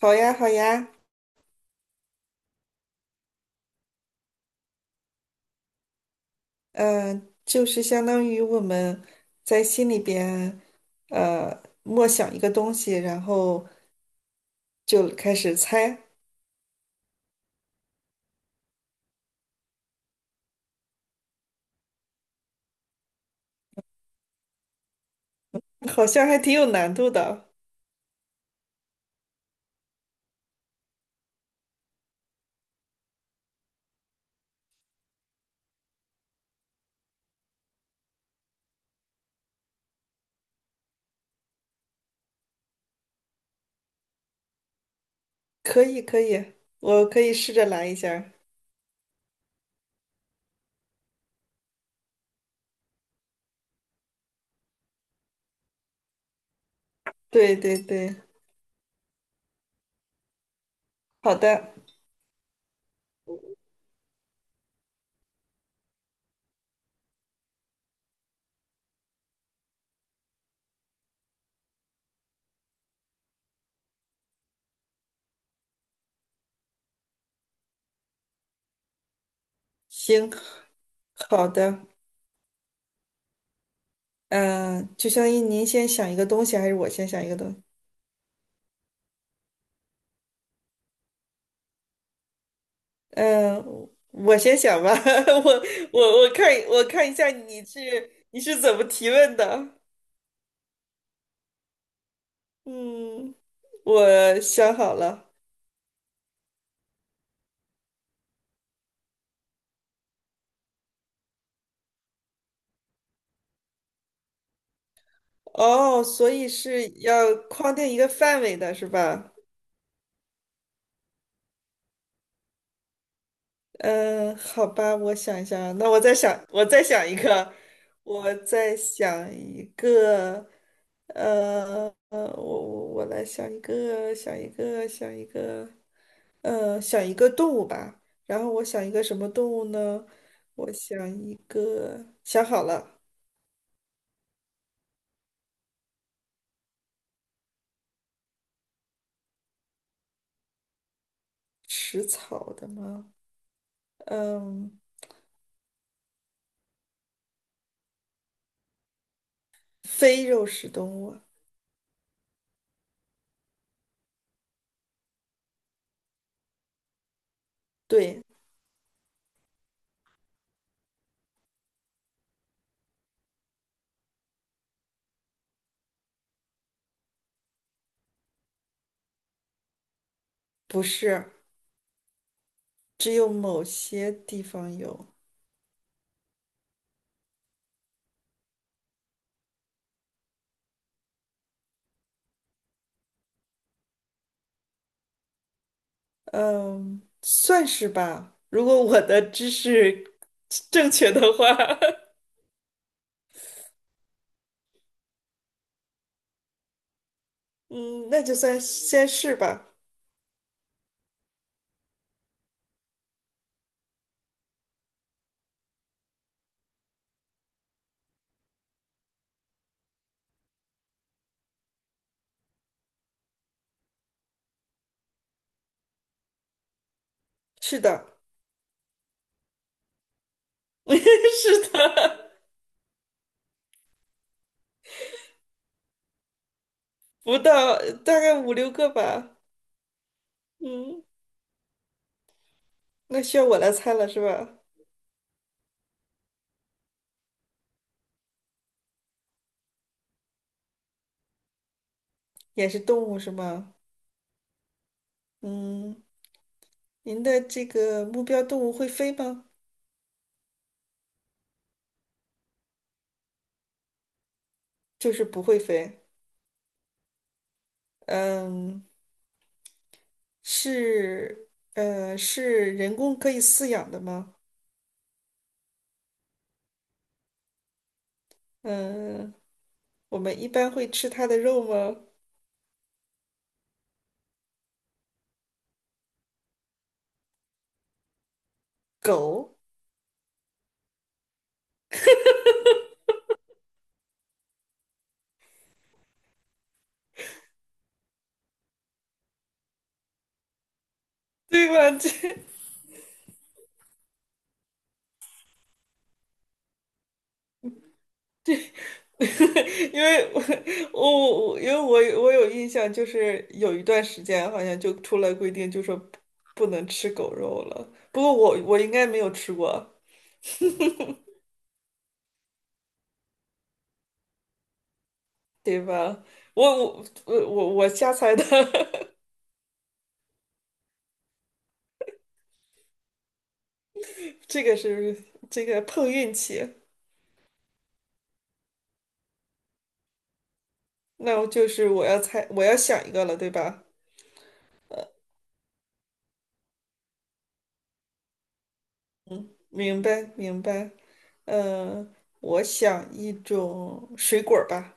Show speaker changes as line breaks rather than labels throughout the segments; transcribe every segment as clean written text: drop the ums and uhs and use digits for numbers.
好呀，好呀。嗯、就是相当于我们在心里边默想一个东西，然后就开始猜。好像还挺有难度的。可以，可以，我可以试着来一下儿。对，对，对。好的。行。好的。嗯、就相当于您先想一个东西，还是我先想一个东西？嗯、我先想吧，我我看一下你是怎么提问的。嗯，我想好了。哦，所以是要框定一个范围的，是吧？嗯，好吧，我想一下啊，那我再想，我再想一个，我再想一个，呃，呃，我我我来想一个，想一个，想一个，呃，想一个动物吧。然后我想一个什么动物呢？我想一个，想好了。食草的吗？嗯，非肉食动物啊。对。不是，只有某些地方有。嗯，算是吧。如果我的知识正确的话，嗯，那就算先是吧。是的。是的。不到，大概五六个吧。嗯。那需要我来猜了是吧？也是动物是吗？嗯，您的这个目标动物会飞吗？就是不会飞。嗯。是是人工可以饲养的吗？嗯、我们一般会吃它的肉吗？狗。对吧？这 因为我因为我有印象，就是有一段时间好像就出来规定，就说不能吃狗肉了。不过我我应该没有吃过。对吧？我瞎猜的。这个是，这个碰运气。那我就是我要猜，我要想一个了，对吧？明白明白。嗯，我想一种水果儿吧。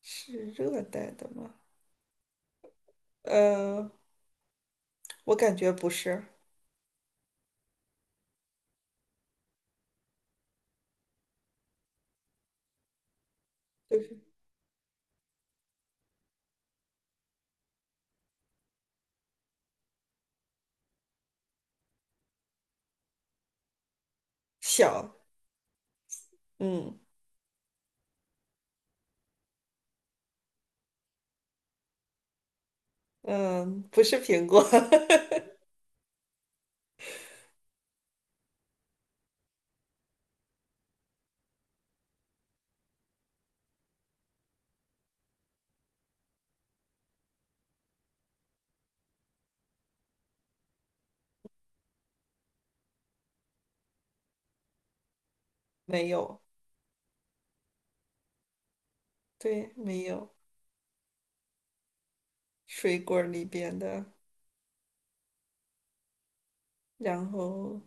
是热带的吗？呃，我感觉不是。就是小。嗯嗯，不是苹果。没有。对，没有水果儿里边的。然后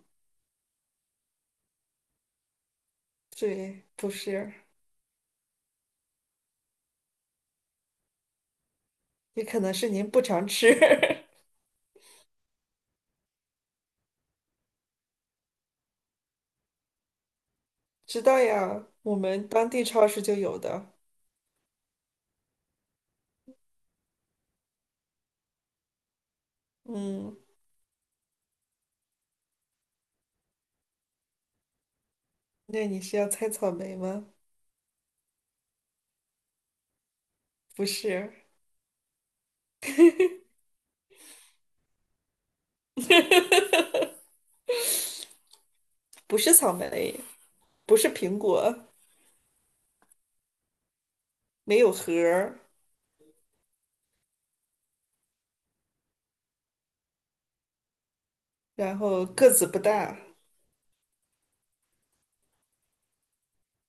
对，不是。也可能是您不常吃。知道呀，我们当地超市就有的。嗯，那你是要猜草莓吗？不是。不是草莓，不是苹果，没有核儿，然后个子不大。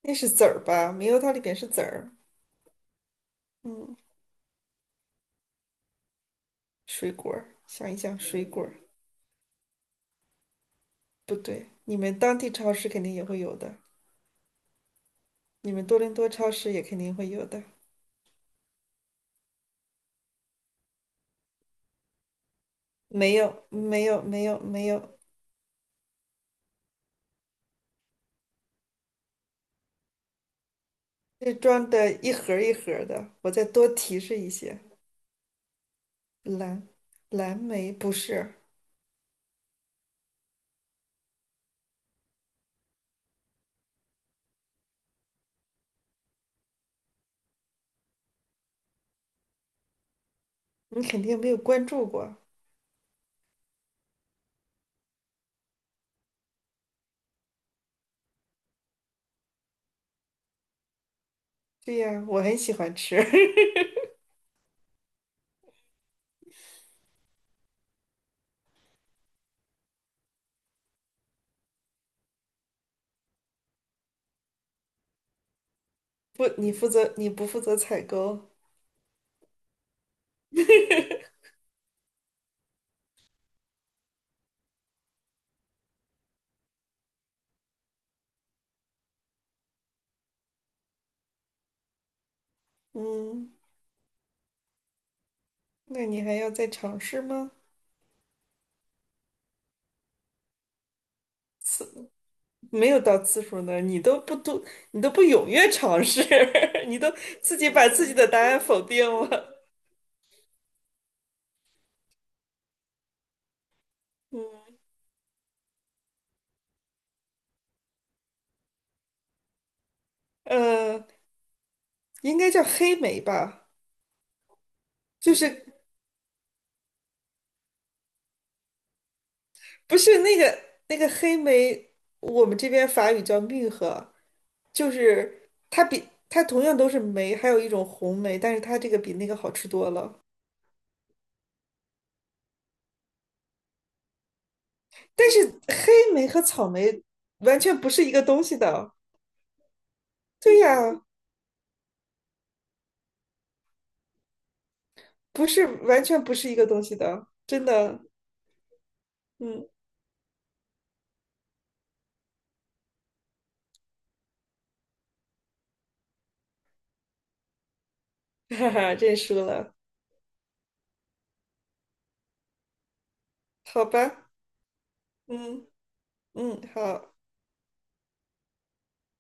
那是籽儿吧？猕猴桃里边是籽儿。嗯，水果儿，想一想，水果儿。不对，你们当地超市肯定也会有的，你们多伦多超市也肯定会有的。没有，没有，没有，没有。这装的一盒儿一盒儿的。我再多提示一些。蓝蓝莓不是。你肯定没有关注过。对呀，我很喜欢吃。不，你负责，你不负责采购。嗯，那你还要再尝试吗？次，没有到次数呢，你都不踊跃尝试，你都自己把自己的答案否定了。嗯。呃，应该叫黑莓吧？就是不是那个，那个黑莓，我们这边法语叫蜜合，就是它比它同样都是莓，还有一种红莓，但是它这个比那个好吃多了。但是黑莓和草莓完全不是一个东西的。对呀，不是，完全不是一个东西的，真的。嗯。哈哈，认输了。好吧。嗯嗯，好。